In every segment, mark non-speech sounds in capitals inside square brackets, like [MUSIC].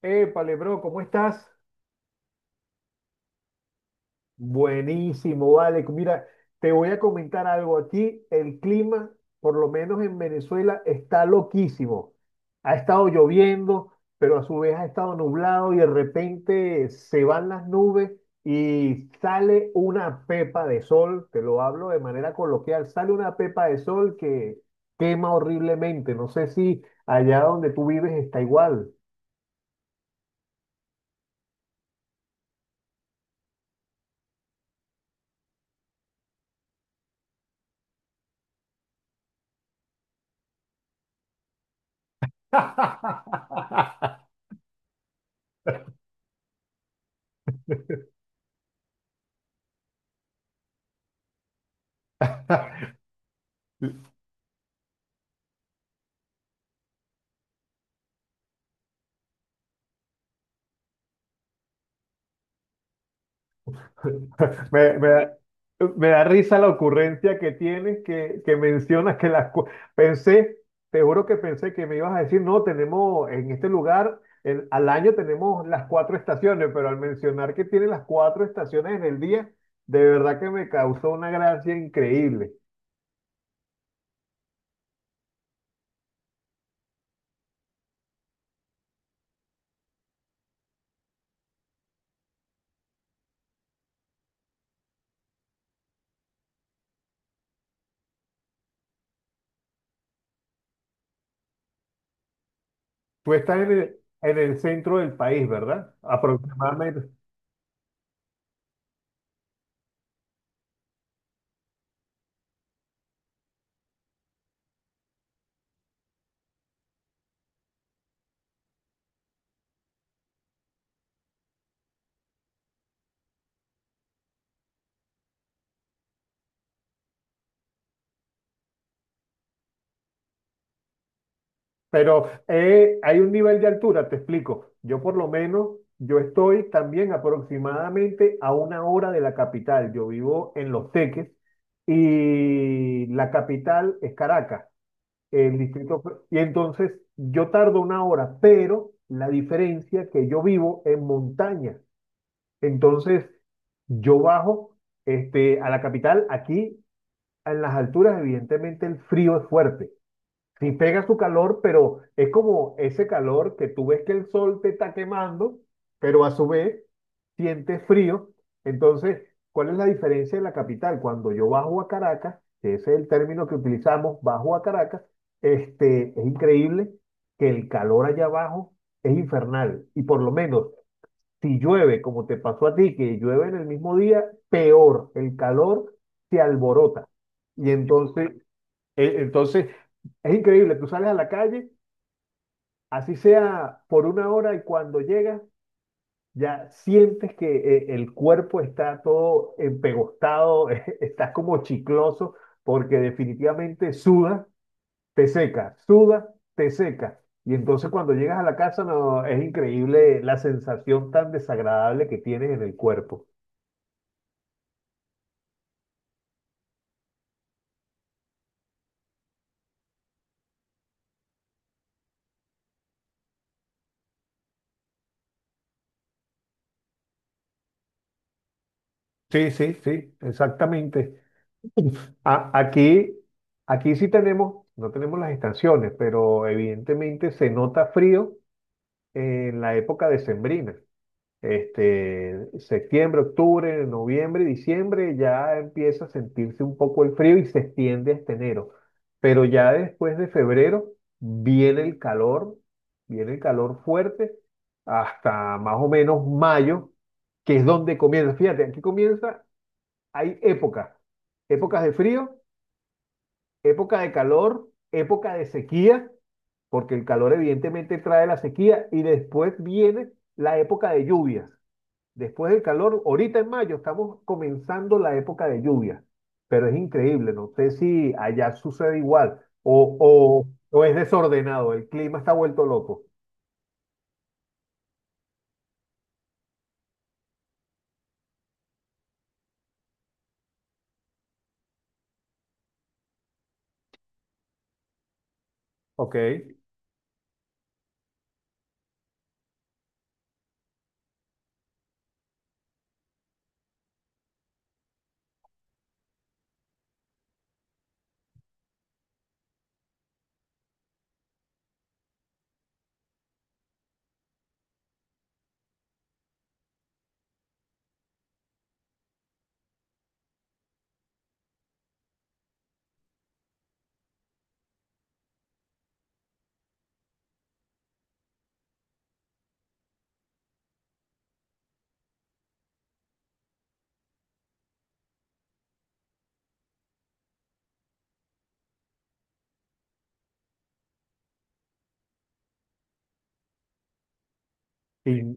Épale, bro, ¿cómo estás? Buenísimo, vale. Mira, te voy a comentar algo. Aquí el clima, por lo menos en Venezuela, está loquísimo. Ha estado lloviendo, pero a su vez ha estado nublado y de repente se van las nubes y sale una pepa de sol. Te lo hablo de manera coloquial. Sale una pepa de sol que quema horriblemente. No sé si allá donde tú vives está igual. [LAUGHS] [LAUGHS] Me da, me da risa la ocurrencia que tienes que mencionas que las... cu- Pensé, te juro que pensé que me ibas a decir, no, tenemos en este lugar, el- al año tenemos las cuatro estaciones, pero al mencionar que tiene las cuatro estaciones en el día, de verdad que me causó una gracia increíble. Tú estás en en el centro del país, ¿verdad? Aproximadamente. Pero hay un nivel de altura, te explico. Yo por lo menos, yo estoy también aproximadamente a una hora de la capital. Yo vivo en Los Teques y la capital es Caracas, el distrito. Y entonces yo tardo una hora, pero la diferencia que yo vivo en montaña. Entonces yo bajo a la capital aquí en las alturas, evidentemente el frío es fuerte. Sí pega su calor, pero es como ese calor que tú ves que el sol te está quemando, pero a su vez sientes frío. Entonces, ¿cuál es la diferencia de la capital? Cuando yo bajo a Caracas, que ese es el término que utilizamos, bajo a Caracas, es increíble que el calor allá abajo es infernal. Y por lo menos, si llueve, como te pasó a ti, que llueve en el mismo día, peor, el calor se alborota. Y sí, entonces, entonces, es increíble, tú sales a la calle, así sea por una hora y cuando llegas, ya sientes que el cuerpo está todo empegostado, [LAUGHS] estás como chicloso, porque definitivamente sudas, te seca, sudas, te seca. Y entonces cuando llegas a la casa, no, es increíble la sensación tan desagradable que tienes en el cuerpo. Sí, sí, sí, exactamente. Aquí, aquí sí tenemos, no tenemos las estaciones, pero evidentemente se nota frío en la época decembrina. Septiembre, octubre, noviembre, diciembre, ya empieza a sentirse un poco el frío y se extiende hasta enero. Pero ya después de febrero viene el calor, viene el calor fuerte hasta más o menos mayo, que es donde comienza. Fíjate, aquí comienza, hay épocas, épocas de frío, época de calor, época de sequía, porque el calor evidentemente trae la sequía, y después viene la época de lluvias. Después del calor, ahorita en mayo estamos comenzando la época de lluvias, pero es increíble, no sé si allá sucede igual o es desordenado, el clima está vuelto loco. Ok. Y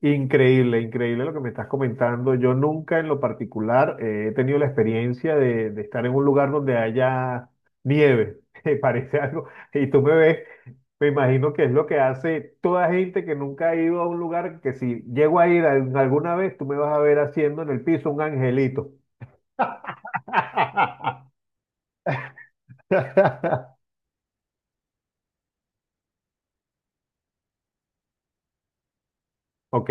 increíble, increíble lo que me estás comentando. Yo nunca en lo particular he tenido la experiencia de estar en un lugar donde haya nieve. [LAUGHS] Parece algo, y tú me ves, me imagino que es lo que hace toda gente que nunca ha ido a un lugar que si llego a ir alguna vez, tú me vas a ver haciendo en el piso un angelito. [LAUGHS] Ok,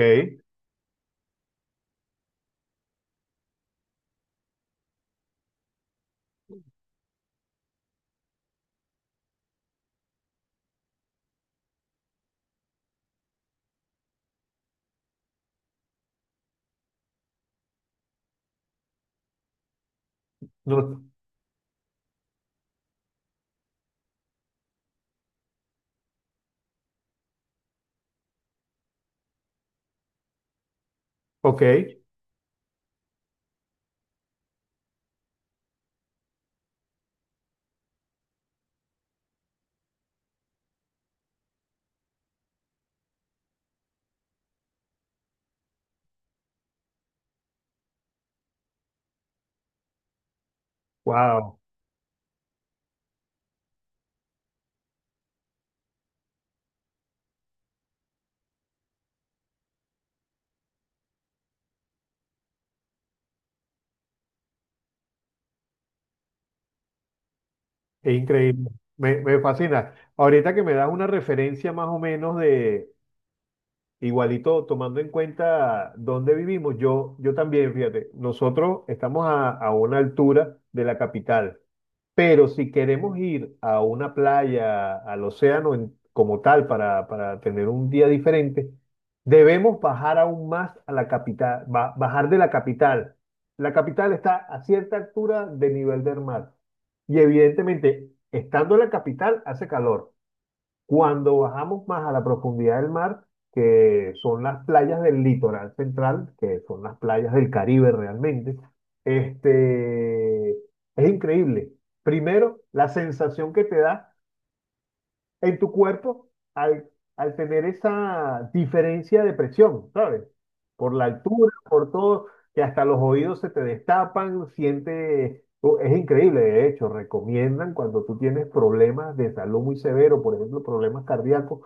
no, ok, wow, es increíble, me fascina. Ahorita que me das una referencia más o menos de igualito, tomando en cuenta dónde vivimos, yo también, fíjate, nosotros estamos a una altura de la capital, pero si queremos ir a una playa, al océano como tal, para tener un día diferente, debemos bajar aún más a la capital, bajar de la capital. La capital está a cierta altura de nivel del mar y evidentemente, estando en la capital, hace calor. Cuando bajamos más a la profundidad del mar, que son las playas del litoral central, que son las playas del Caribe realmente, es increíble. Primero, la sensación que te da en tu cuerpo al, al tener esa diferencia de presión, ¿sabes? Por la altura, por todo, que hasta los oídos se te destapan, siente, es increíble, de hecho, recomiendan cuando tú tienes problemas de salud muy severos, por ejemplo, problemas cardíacos,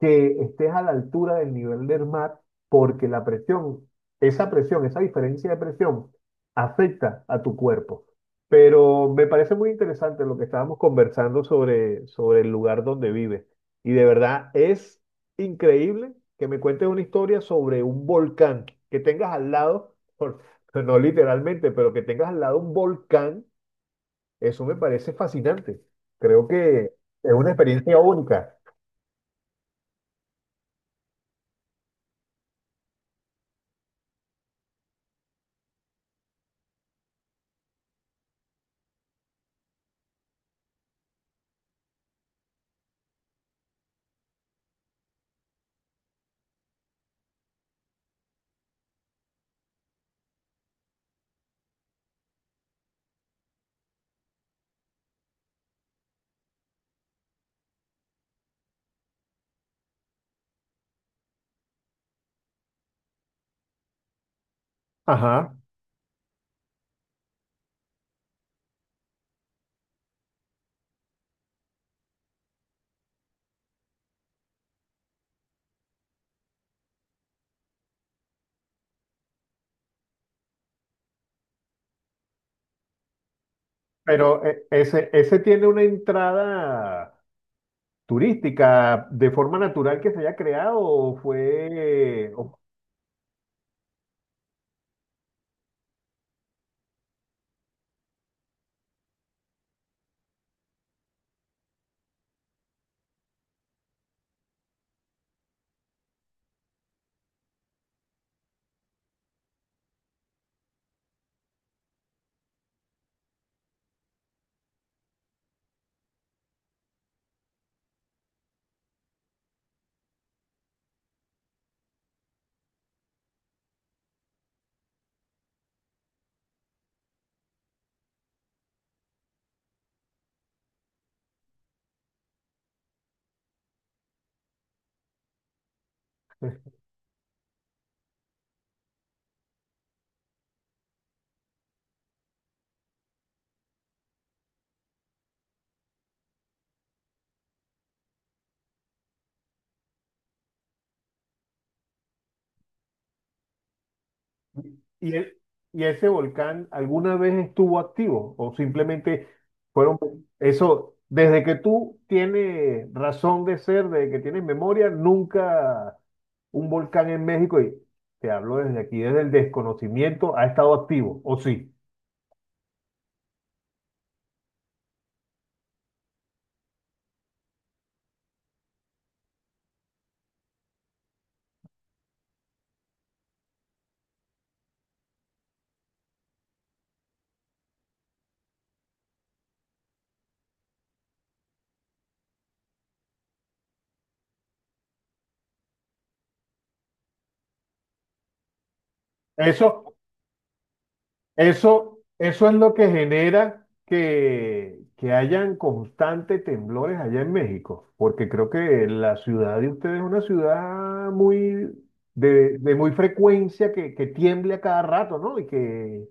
que estés a la altura del nivel del mar, porque la presión, esa diferencia de presión, afecta a tu cuerpo. Pero me parece muy interesante lo que estábamos conversando sobre, sobre el lugar donde vive. Y de verdad es increíble que me cuentes una historia sobre un volcán que tengas al lado, [LAUGHS] pues no literalmente, pero que tengas al lado un volcán, eso me parece fascinante. Creo que es una experiencia única. Ajá. Pero ese, ese tiene una entrada turística de forma natural que se haya creado o fue ¿Y, y ese volcán alguna vez estuvo activo o simplemente fueron... Eso, desde que tú tienes razón de ser, desde que tienes memoria, nunca un volcán en México, y te hablo desde aquí, desde el desconocimiento, ha estado activo, ¿o sí? Eso, eso es lo que genera que hayan constantes temblores allá en México, porque creo que la ciudad de ustedes es una ciudad muy de muy frecuencia que tiemble a cada rato, ¿no? Y que...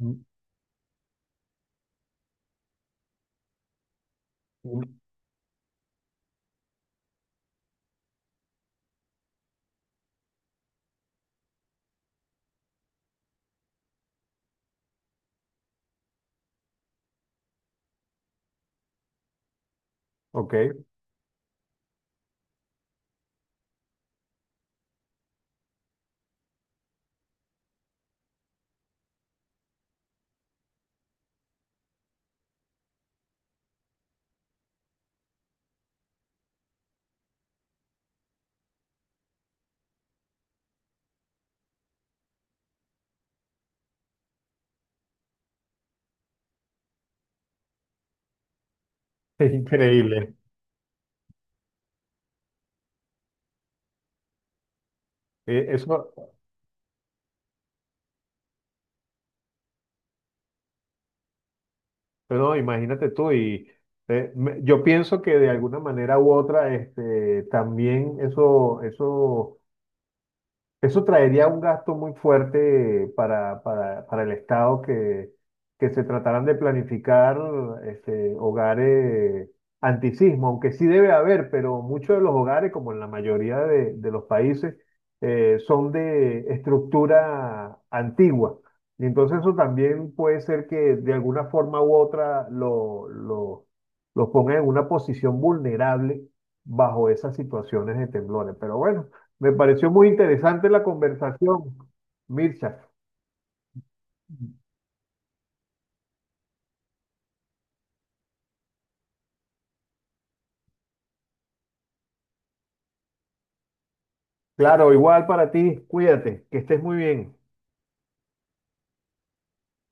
Mm, mm, ok, [LAUGHS] es increíble. Eso, pero imagínate tú, y yo pienso que de alguna manera u otra, también eso, eso eso traería un gasto muy fuerte para el Estado que se trataran de planificar hogares antisismo, aunque sí debe haber, pero muchos de los hogares, como en la mayoría de los países, son de estructura antigua. Y entonces eso también puede ser que de alguna forma u otra los ponga en una posición vulnerable bajo esas situaciones de temblores. Pero bueno. Me pareció muy interesante la conversación, Mircha. Claro, igual para ti, cuídate, que estés muy bien.